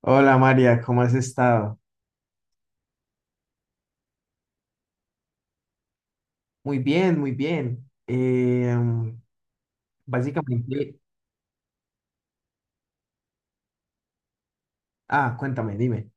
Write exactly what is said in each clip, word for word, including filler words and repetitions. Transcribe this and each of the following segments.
Hola María, ¿cómo has estado? Muy bien, muy bien. Eh, mm, básicamente, ah, cuéntame, dime.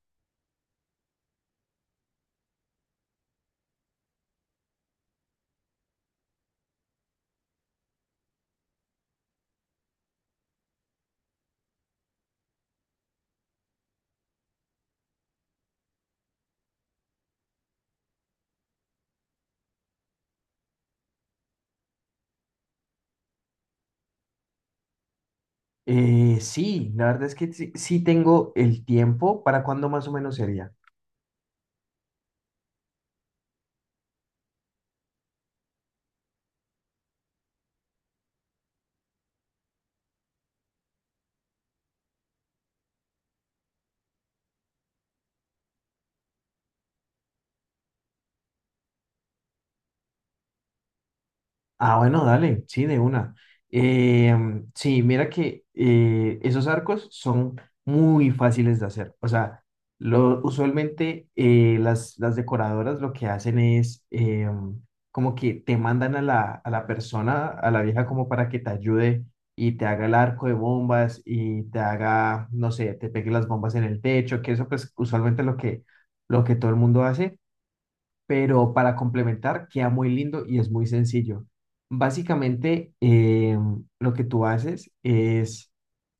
Eh, sí, la verdad es que sí, sí tengo el tiempo. ¿Para cuándo más o menos sería? Ah, bueno, dale, sí, de una. Eh, sí, mira que eh, esos arcos son muy fáciles de hacer. O sea, lo, usualmente eh, las, las decoradoras lo que hacen es eh, como que te mandan a la, a la persona, a la vieja, como para que te ayude y te haga el arco de bombas y te haga, no sé, te pegue las bombas en el techo, que eso pues usualmente es lo que, lo que todo el mundo hace, pero para complementar queda muy lindo y es muy sencillo. Básicamente, eh, lo que tú haces es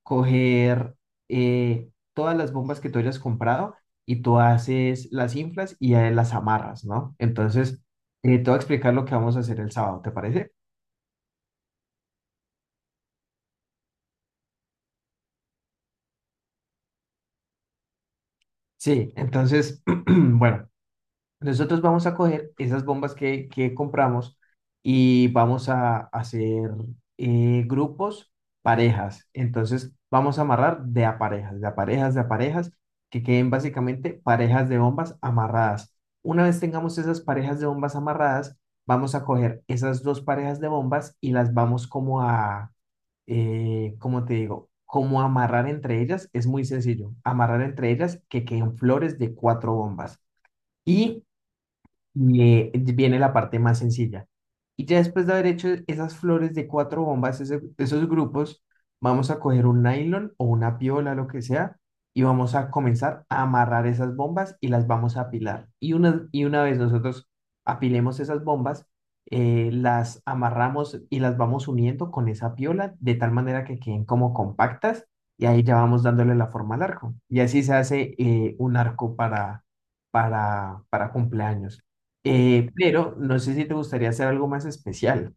coger eh, todas las bombas que tú hayas comprado y tú haces las inflas y eh, las amarras, ¿no? Entonces, eh, te voy a explicar lo que vamos a hacer el sábado, ¿te parece? Sí, entonces, bueno. Nosotros vamos a coger esas bombas que, que compramos y vamos a hacer eh, grupos, parejas. Entonces vamos a amarrar de a parejas, de a parejas, de a parejas, que queden básicamente parejas de bombas amarradas. Una vez tengamos esas parejas de bombas amarradas, vamos a coger esas dos parejas de bombas y las vamos como a, eh, ¿cómo te digo? Como amarrar entre ellas. Es muy sencillo. Amarrar entre ellas que queden flores de cuatro bombas. Y y eh, viene la parte más sencilla. Y ya después de haber hecho esas flores de cuatro bombas, ese- esos grupos, vamos a coger un nylon o una piola, lo que sea, y vamos a comenzar a amarrar esas bombas y las vamos a apilar. Y una, y una vez nosotros apilemos esas bombas, eh, las amarramos y las vamos uniendo con esa piola de tal manera que queden como compactas y ahí ya vamos dándole la forma al arco. Y así se hace eh, un arco para, para, para cumpleaños. Eh, pero no sé si te gustaría hacer algo más especial.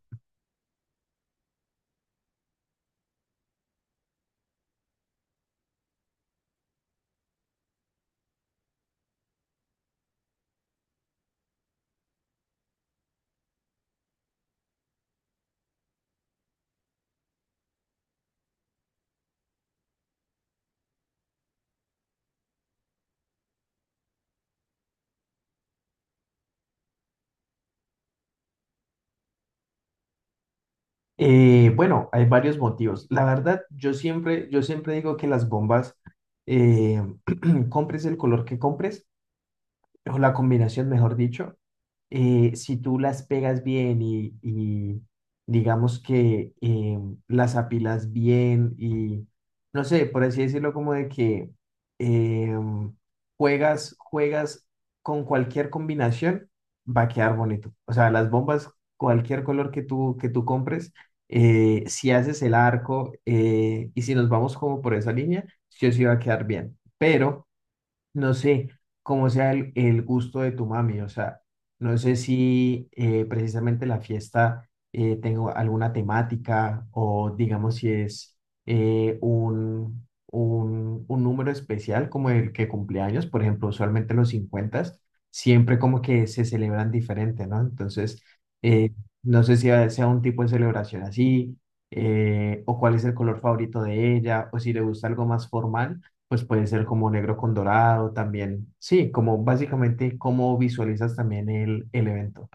Eh, bueno, hay varios motivos. La verdad, yo siempre, yo siempre digo que las bombas, eh, compres el color que compres, o la combinación, mejor dicho, eh, si tú las pegas bien y, y digamos que eh, las apilas bien y no sé, por así decirlo, como de que eh, juegas, juegas con cualquier combinación, va a quedar bonito. O sea, las bombas, cualquier color que tú, que tú compres, eh, si haces el arco eh, y si nos vamos como por esa línea, sí o sí va a quedar bien. Pero no sé cómo sea el, el gusto de tu mami, o sea, no sé si eh, precisamente la fiesta eh, tengo alguna temática o digamos si es eh, un, un, un número especial como el que cumpleaños, por ejemplo, usualmente los cincuenta, siempre como que se celebran diferente, ¿no? Entonces, eh, no sé si a- sea un tipo de celebración así, eh, o cuál es el color favorito de ella, o si le gusta algo más formal, pues puede ser como negro con dorado también. Sí, como básicamente cómo visualizas también el, el evento.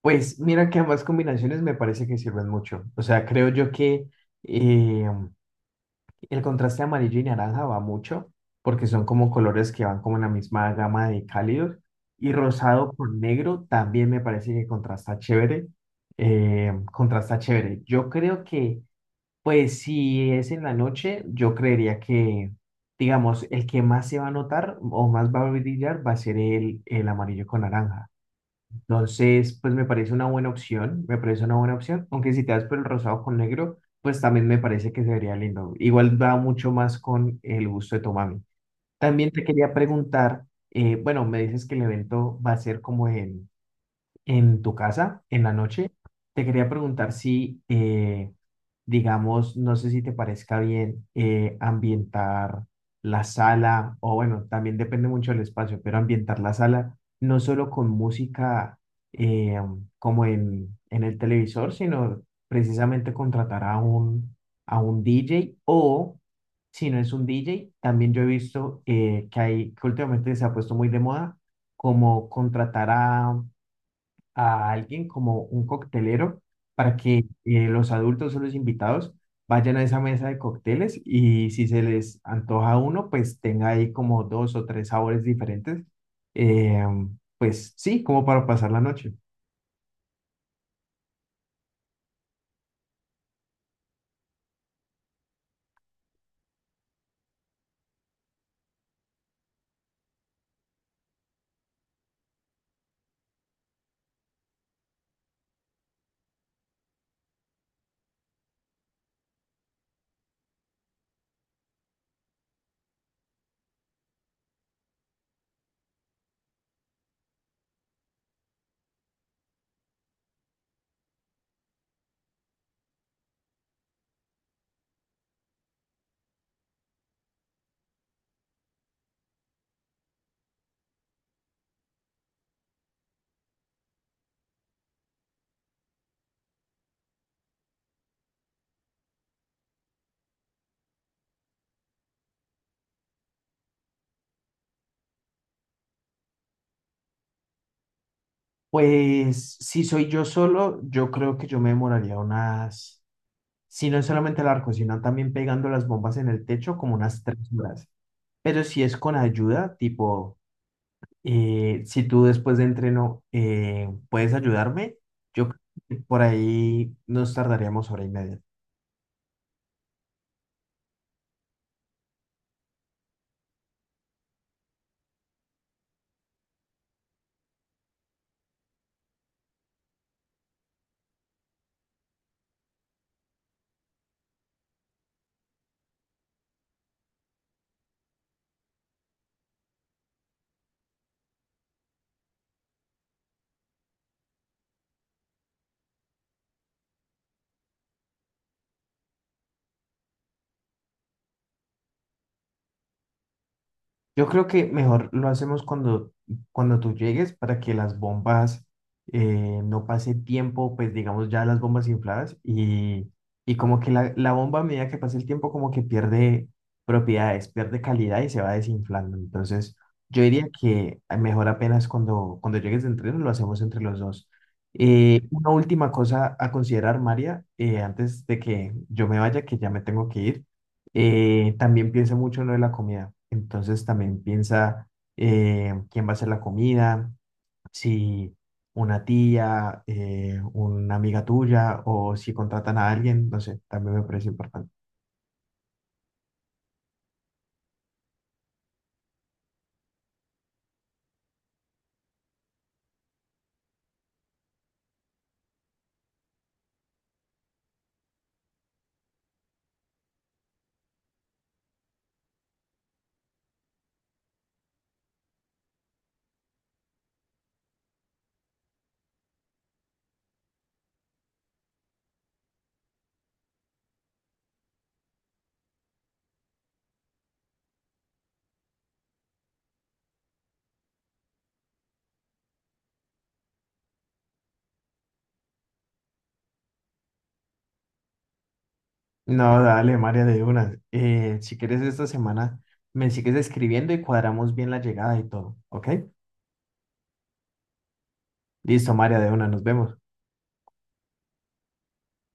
Pues mira que ambas combinaciones me parece que sirven mucho. O sea, creo yo que eh, el contraste amarillo y naranja va mucho porque son como colores que van como en la misma gama de cálidos. Y rosado con negro también me parece que contrasta chévere. eh, contrasta chévere. Yo creo que, pues si es en la noche, yo creería que, digamos, el que más se va a notar o más va a brillar va a ser el, el amarillo con naranja. Entonces, pues me parece una buena opción, me parece una buena opción, aunque si te das por el rosado con negro, pues también me parece que se vería lindo. Igual va mucho más con el gusto de tu mami. También te quería preguntar, eh, bueno, me dices que el evento va a ser como en en tu casa en la noche. Te quería preguntar si, eh, digamos, no sé si te parezca bien eh, ambientar la sala, o bueno, también depende mucho del espacio, pero ambientar la sala no solo con música eh, como en, en el televisor, sino precisamente contratar a un, a un D J o... Si no es un D J, también yo he visto eh, que hay, que últimamente se ha puesto muy de moda, como contratar a, a alguien como un coctelero para que eh, los adultos o los invitados vayan a esa mesa de cócteles y si se les antoja uno, pues tenga ahí como dos o tres sabores diferentes. eh, pues sí, como para pasar la noche. Pues si soy yo solo, yo creo que yo me demoraría unas, si no es solamente la cocina, también pegando las bombas en el techo, como unas tres horas. Pero si es con ayuda, tipo Eh, si tú después de entreno eh, puedes ayudarme, yo creo que por ahí nos tardaríamos hora y media. Yo creo que mejor lo hacemos cuando, cuando tú llegues para que las bombas eh, no pase tiempo, pues digamos ya las bombas infladas y, y como que la, la bomba a medida que pasa el tiempo como que pierde propiedades, pierde calidad y se va desinflando. Entonces yo diría que mejor apenas cuando, cuando llegues de entreno lo hacemos entre los dos. Eh, una última cosa a considerar, María, eh, antes de que yo me vaya, que ya me tengo que ir, eh, también piensa mucho en lo de la comida. Entonces también piensa eh, quién va a hacer la comida, si una tía, eh, una amiga tuya o si contratan a alguien, no sé, también me parece importante. No, dale, María, de una. Eh, si quieres esta semana, me sigues escribiendo y cuadramos bien la llegada y todo, ¿ok? Listo, María, de una, nos vemos.